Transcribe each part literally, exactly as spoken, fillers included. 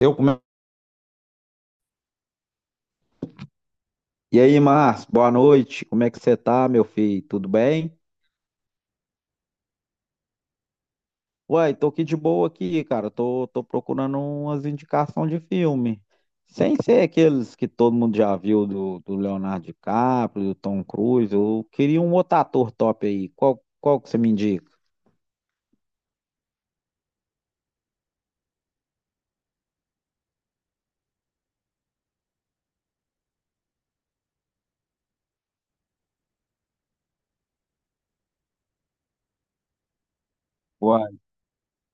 Eu come- E aí, Márcio, boa noite. Como é que você tá, meu filho? Tudo bem? Uai, tô aqui de boa aqui, cara. Tô, tô procurando umas indicações de filme. Sem ser aqueles que todo mundo já viu do, do Leonardo DiCaprio, do Tom Cruise. Eu queria um outro ator top aí. Qual, qual que você me indica?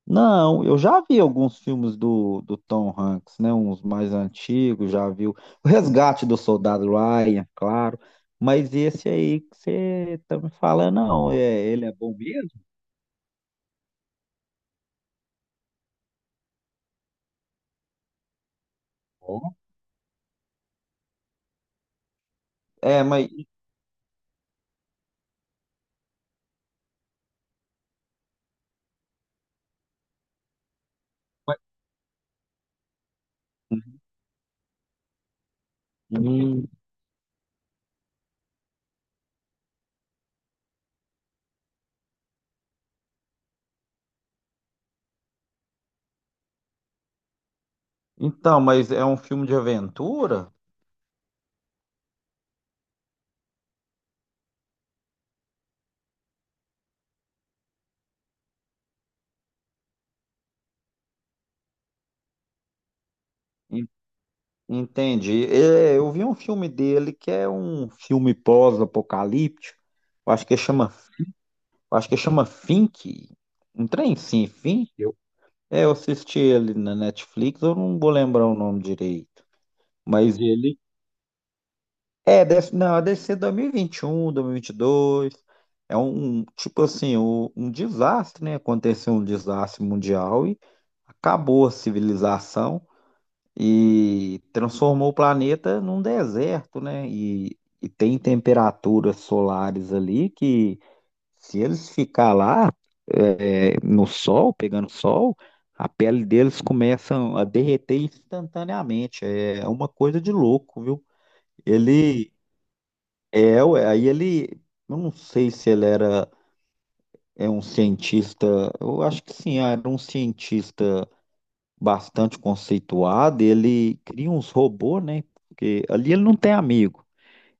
Não, eu já vi alguns filmes do, do Tom Hanks, né? Uns mais antigos, já vi o o Resgate do Soldado Ryan, claro. Mas esse aí que você tá me falando, não, é, ele é bom mesmo? Bom. É, mas hum, então, mas é um filme de aventura? En- Entendi. É, eu vi um filme dele que é um filme pós-apocalíptico. Eu Acho que chama, eu acho que chama Fink. Um trem sim, Fink. É, eu assisti ele na Netflix, eu não vou lembrar o nome direito. Mas ele. É, deve, não, deve ser dois mil e vinte e um, dois mil e vinte e dois. É um, um, tipo assim, um, um desastre, né? Aconteceu um desastre mundial e acabou a civilização e transformou o planeta num deserto, né? E, e tem temperaturas solares ali que se eles ficar lá é, no sol, pegando sol, a pele deles começa a derreter instantaneamente. É uma coisa de louco, viu? Ele é, Ué, aí ele, eu não sei se ele era é um cientista, eu acho que sim, era um cientista bastante conceituado. Ele cria uns robôs, né? Porque ali ele não tem amigo.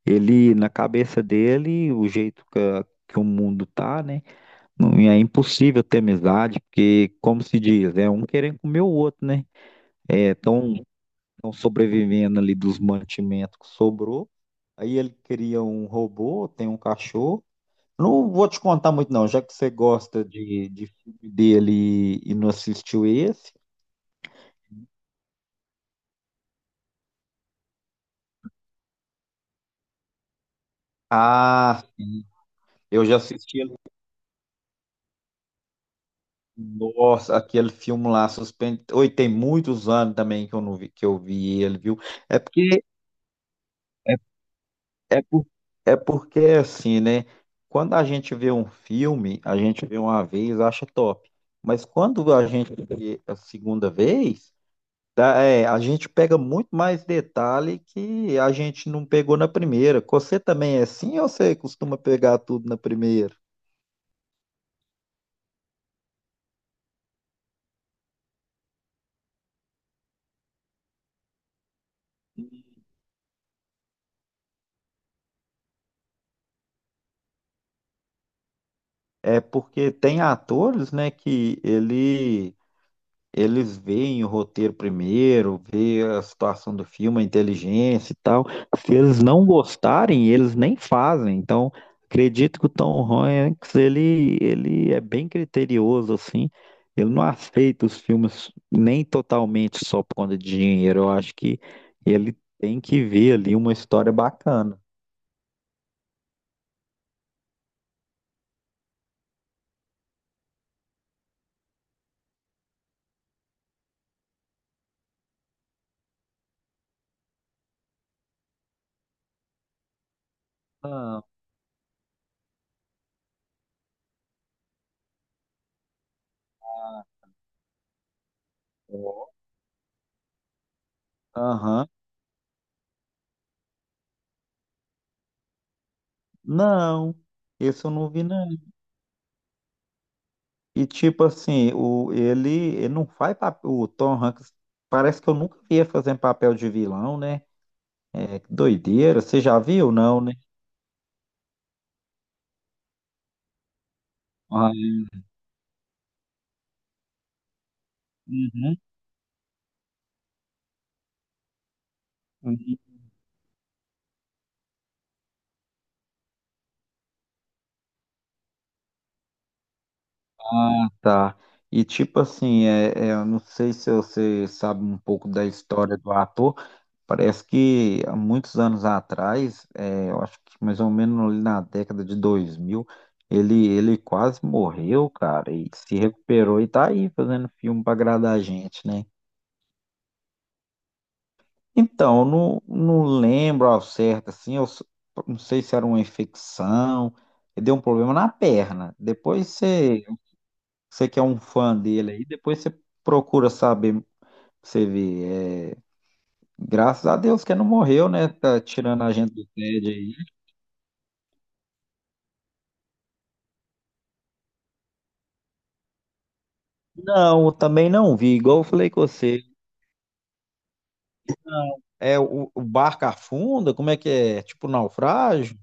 Ele, na cabeça dele, o jeito que, a- que o mundo tá, né? Não, e é impossível ter amizade, porque, como se diz, é um querendo comer o outro, né? É, estão sobrevivendo ali dos mantimentos que sobrou. Aí ele cria um robô, tem um cachorro. Não vou te contar muito, não, já que você gosta de, de filme dele e não assistiu esse. Ah, sim. Eu já assisti ele. Nossa, aquele filme lá, suspense. Oi, tem muitos anos também que eu não vi, que eu vi ele, viu? É porque É, por, é porque assim, né? Quando a gente vê um filme, a gente vê uma vez, acha top. Mas quando a gente vê a segunda vez, tá, é, a gente pega muito mais detalhe que a gente não pegou na primeira. Você também é assim ou você costuma pegar tudo na primeira? É porque tem atores, né, que ele eles veem o roteiro primeiro, vê a situação do filme, a inteligência e tal. Se eles não gostarem, eles nem fazem. Então, acredito que o Tom Hanks, ele, ele é bem criterioso, assim. Ele não aceita os filmes nem totalmente só por conta de dinheiro. Eu acho que ele tem que ver ali uma história bacana. Ah, ó, aham. Não, esse eu não vi, não. E tipo assim, o, ele, ele não faz papel. O Tom Hanks parece que eu nunca vi ele fazendo papel de vilão, né? É, que doideira. Você já viu, não, né? Ah, uhum, uhum. Ah, tá. E tipo assim, é, é, eu não sei se você sabe um pouco da história do ator. Parece que há muitos anos atrás, é, eu acho que mais ou menos ali na década de dois mil ele, ele quase morreu, cara, e se recuperou e tá aí fazendo filme pra agradar a gente, né? Então, eu não, não lembro ao certo, assim, eu s- não sei se era uma infecção, ele deu um problema na perna. Depois você, você que é um fã dele aí, depois você procura saber, você vê. É, graças a Deus que ele não morreu, né? Tá tirando a gente do tédio aí. Não, eu também não vi, igual eu falei com você. É o, o barco afunda? Como é que é? É tipo naufrágio?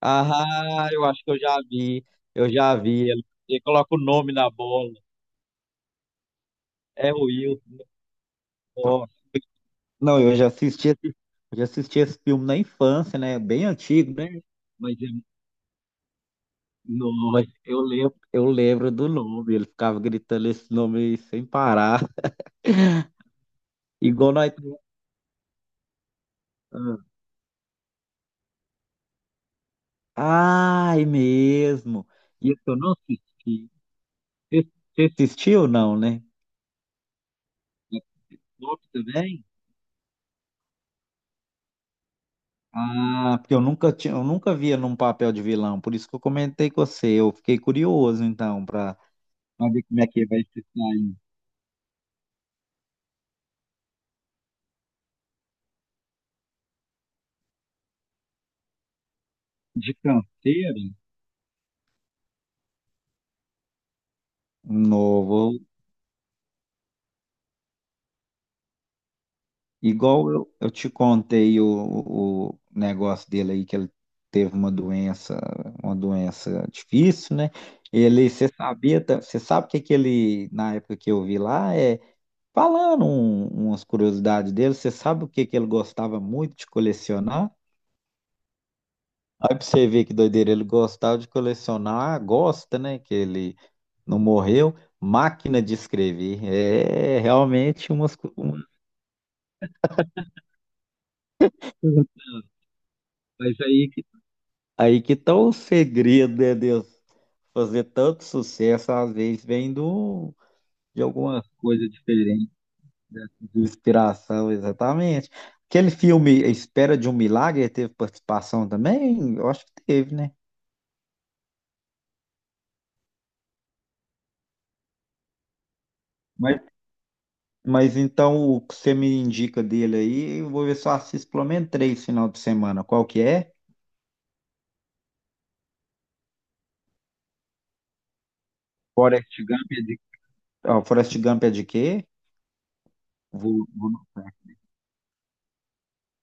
Ah, eu acho que eu já vi, eu já vi. Ele ele coloca o nome na bola. É o Ó, não, eu já assisti esse, eu já assisti esse filme na infância, né? Bem antigo, né? Mas é- Nossa, eu lembro, eu lembro do nome. Ele ficava gritando esse nome aí sem parar. Igual nós. Ah, ai, mesmo. E esse eu não assisti. Você você assistiu ou não, né? É top também? Ah, porque eu nunca tinha, eu nunca via num papel de vilão, por isso que eu comentei com você. Eu fiquei curioso, então, para ver como é que vai se sair de canseira. Novo. Igual eu, eu te contei o, o negócio dele aí, que ele teve uma doença, uma doença difícil, né? Ele, você sabia, tá- você sabe o que que ele, na época que eu vi lá, é falando um- umas curiosidades dele, você sabe o que que ele gostava muito de colecionar? Aí pra você ver que doideira, ele gostava de colecionar, gosta, né? Que ele não morreu, máquina de escrever. É realmente umas, cu- umas coisas aí. Aí que tá o segredo, né, Deus? Fazer tanto sucesso, às vezes, vem do, de alguma coisa diferente, né? De inspiração, exatamente. Aquele filme A Espera de um Milagre teve participação também? Eu acho que teve, né? Mas, mas então, o que você me indica dele aí, eu vou ver se eu assisto pelo menos três final de semana. Qual que é? Forrest Gump é de, Ó, Forrest Gump é de quê? Vou, vou...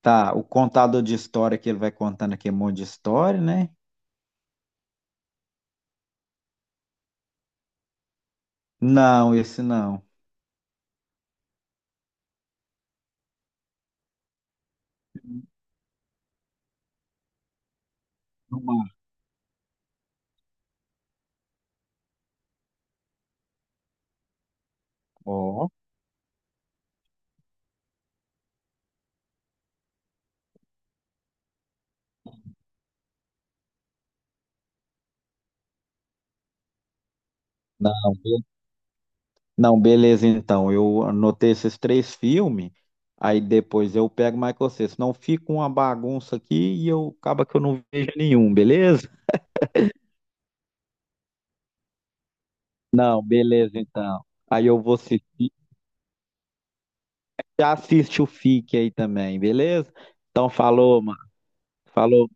Tá, o contador de história que ele vai contando aqui, é um monte de história, né? Não, esse não. No mar. Ó, não, be- não, beleza, então. Eu anotei esses três filmes, aí depois eu pego mais com você. Senão fica uma bagunça aqui e eu acaba que eu não vejo nenhum, beleza? Não, beleza, então. Aí eu vou assistir. Já assiste o Fique aí também, beleza? Então falou, mano. Falou.